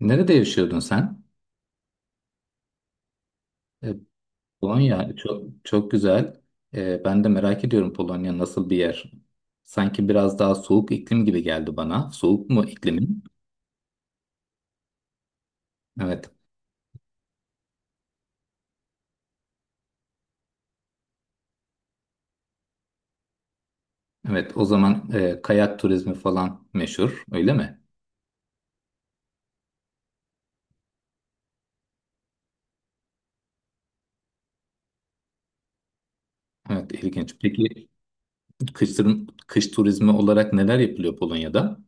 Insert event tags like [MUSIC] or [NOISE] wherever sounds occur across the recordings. Nerede yaşıyordun sen? E, Polonya çok çok güzel. Ben de merak ediyorum, Polonya nasıl bir yer? Sanki biraz daha soğuk iklim gibi geldi bana. Soğuk mu iklimin? Evet. Evet. O zaman kayak turizmi falan meşhur, öyle mi? Evet, ilginç. Peki kış turizmi olarak neler yapılıyor Polonya'da?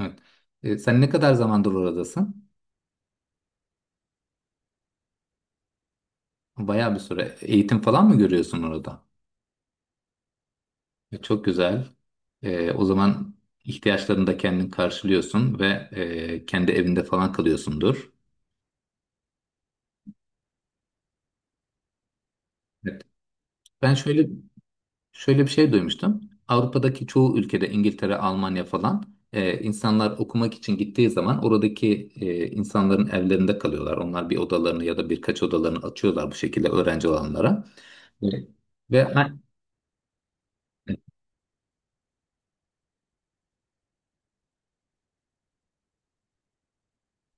Evet. Sen ne kadar zamandır oradasın? Bayağı bir süre. Eğitim falan mı görüyorsun orada? Çok güzel. O zaman ihtiyaçlarını da kendin karşılıyorsun ve kendi evinde falan kalıyorsundur. Evet. Ben şöyle Şöyle bir şey duymuştum. Avrupa'daki çoğu ülkede, İngiltere, Almanya falan, insanlar okumak için gittiği zaman oradaki insanların evlerinde kalıyorlar. Onlar bir odalarını ya da birkaç odalarını açıyorlar bu şekilde öğrenci olanlara. Evet. Ve ha-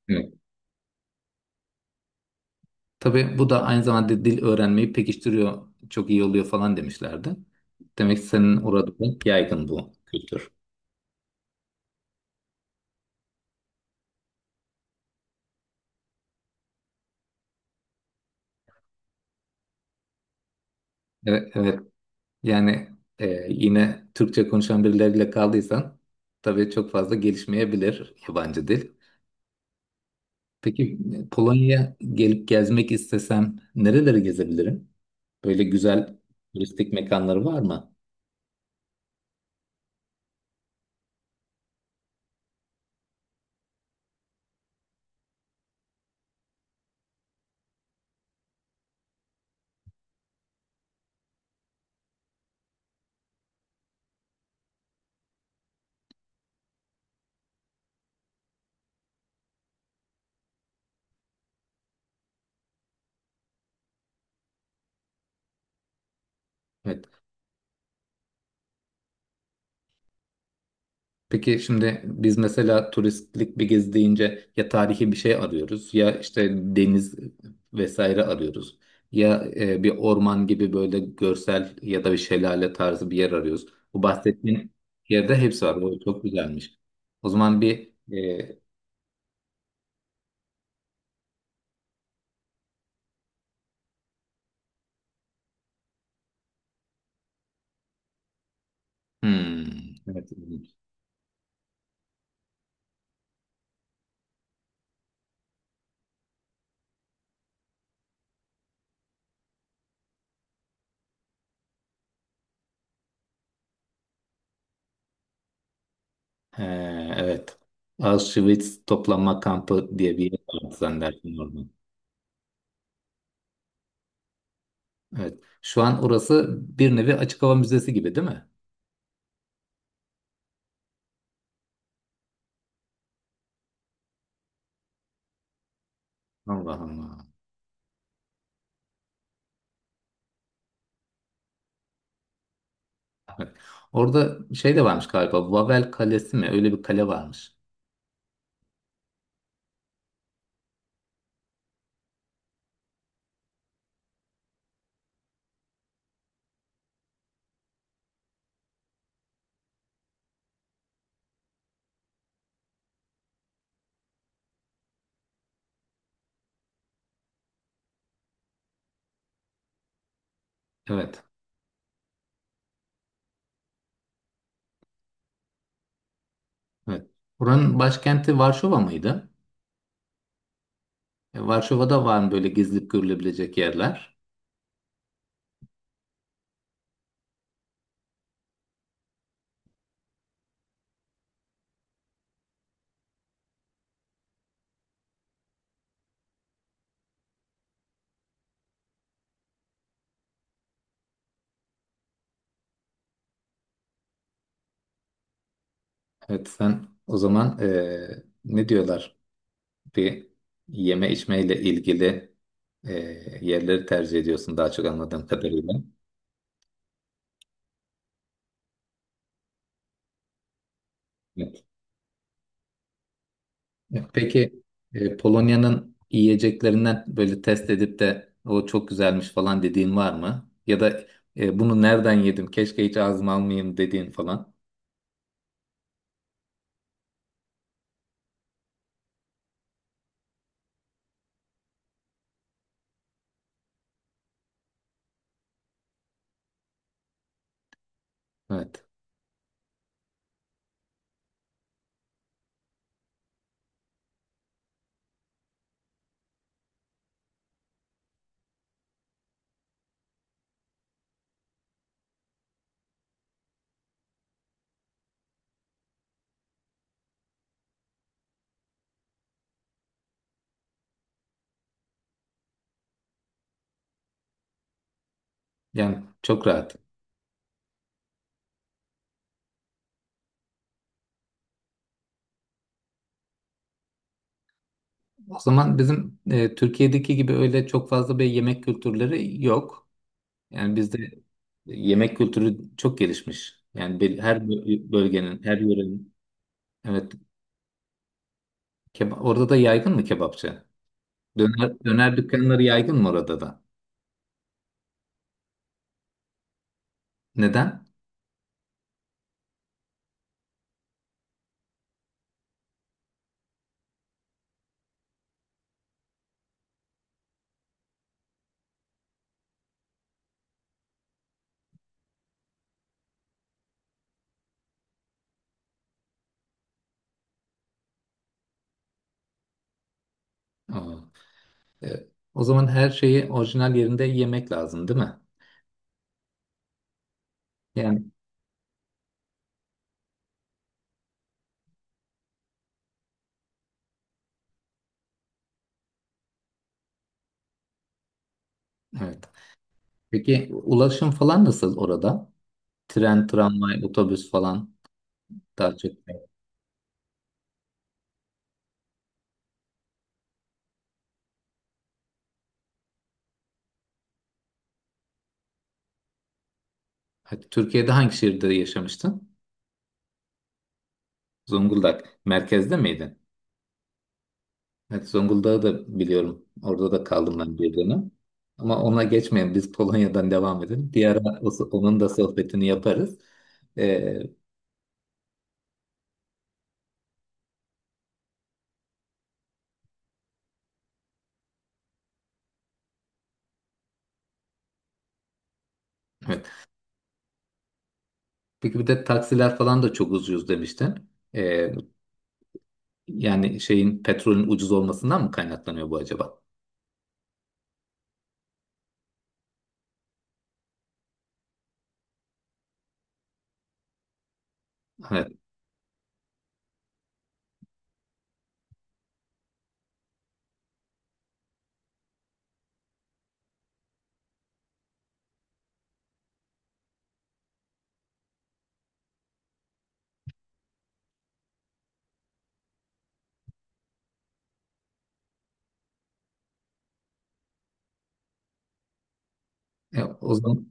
Evet. Tabii bu da aynı zamanda dil öğrenmeyi pekiştiriyor, çok iyi oluyor falan demişlerdi. Demek ki senin orada da yaygın bu kültür. Evet, evet. Yani yine Türkçe konuşan birileriyle kaldıysan tabii çok fazla gelişmeyebilir yabancı dil. Peki Polonya'ya gelip gezmek istesem nereleri gezebilirim? Böyle güzel turistik mekanları var mı? Evet. Peki şimdi biz mesela turistlik bir gezi deyince ya tarihi bir şey arıyoruz ya işte deniz vesaire arıyoruz. Ya bir orman gibi böyle görsel ya da bir şelale tarzı bir yer arıyoruz. Bu bahsettiğin yerde hepsi var. O çok güzelmiş. O zaman bir hmm, evet, ilginç. He, evet. Auschwitz toplama kampı diye bir yer vardı zannedersin orada. Evet. Şu an orası bir nevi açık hava müzesi gibi değil mi? Allah Allah. Evet. Orada şey de varmış galiba. Vavel Kalesi mi? Öyle bir kale varmış. Evet. Evet. Buranın başkenti Varşova mıydı? Varşova'da var mı böyle gezilip görülebilecek yerler? Evet, sen o zaman, ne diyorlar, bir yeme içmeyle ilgili e, yerleri tercih ediyorsun daha çok anladığım kadarıyla. Peki Polonya'nın yiyeceklerinden böyle test edip de o çok güzelmiş falan dediğin var mı? Ya da bunu nereden yedim, keşke hiç ağzıma almayayım dediğin falan? Evet. Yani çok rahat. O zaman bizim Türkiye'deki gibi öyle çok fazla bir yemek kültürleri yok. Yani bizde yemek kültürü çok gelişmiş. Yani her bölgenin, her yörenin. Evet. Orada da yaygın mı kebapçı? Döner, döner dükkanları yaygın mı orada da? Neden? Aa. Evet. O zaman her şeyi orijinal yerinde yemek lazım, değil mi? Yani evet. Peki ulaşım falan nasıl orada? Tren, tramvay, otobüs falan daha çok. Evet, Türkiye'de hangi şehirde yaşamıştın? Zonguldak. Merkezde miydin? Evet, Zonguldak'ı da biliyorum. Orada da kaldım ben bir dönem. Ama ona geçmeyelim. Biz Polonya'dan devam edelim. Bir ara onun da sohbetini yaparız. Ee, evet. Peki bir de taksiler falan da çok ucuz demiştin. Ee, Yani şeyin, petrolün ucuz olmasından mı kaynaklanıyor bu acaba? Evet. E, o zaman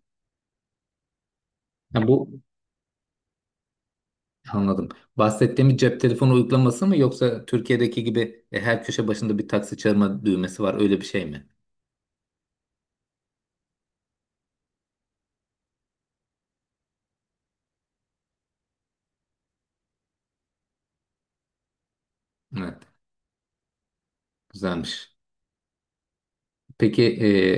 ya bu anladım. Bahsettiğimiz cep telefonu uygulaması mı, yoksa Türkiye'deki gibi her köşe başında bir taksi çağırma düğmesi var öyle bir şey mi? Evet. Güzelmiş. Peki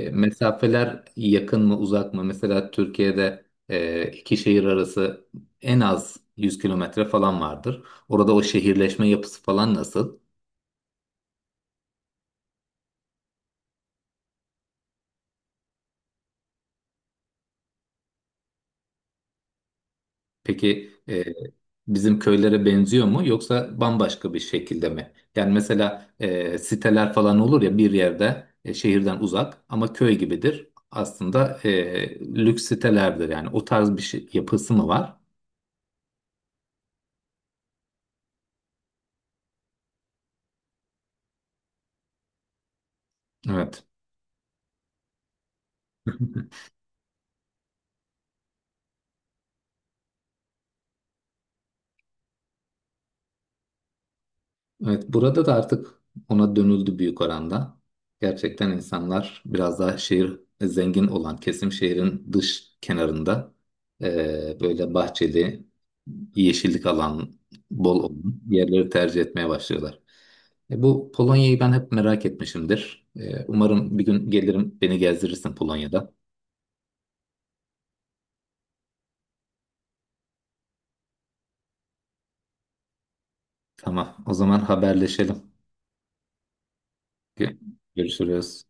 mesafeler yakın mı uzak mı? Mesela Türkiye'de iki şehir arası en az 100 kilometre falan vardır. Orada o şehirleşme yapısı falan nasıl? Peki bizim köylere benziyor mu yoksa bambaşka bir şekilde mi? Yani mesela siteler falan olur ya bir yerde, şehirden uzak ama köy gibidir. Aslında lüks sitelerdir yani, o tarz bir şey, yapısı mı var? Evet. [LAUGHS] Evet, burada da artık ona dönüldü büyük oranda. Gerçekten insanlar biraz daha şehir, zengin olan kesim şehrin dış kenarında böyle bahçeli, yeşillik alan, bol olan yerleri tercih etmeye başlıyorlar. Bu Polonya'yı ben hep merak etmişimdir. Umarım bir gün gelirim, beni gezdirirsin Polonya'da. Tamam, o zaman haberleşelim. Görüşürüz.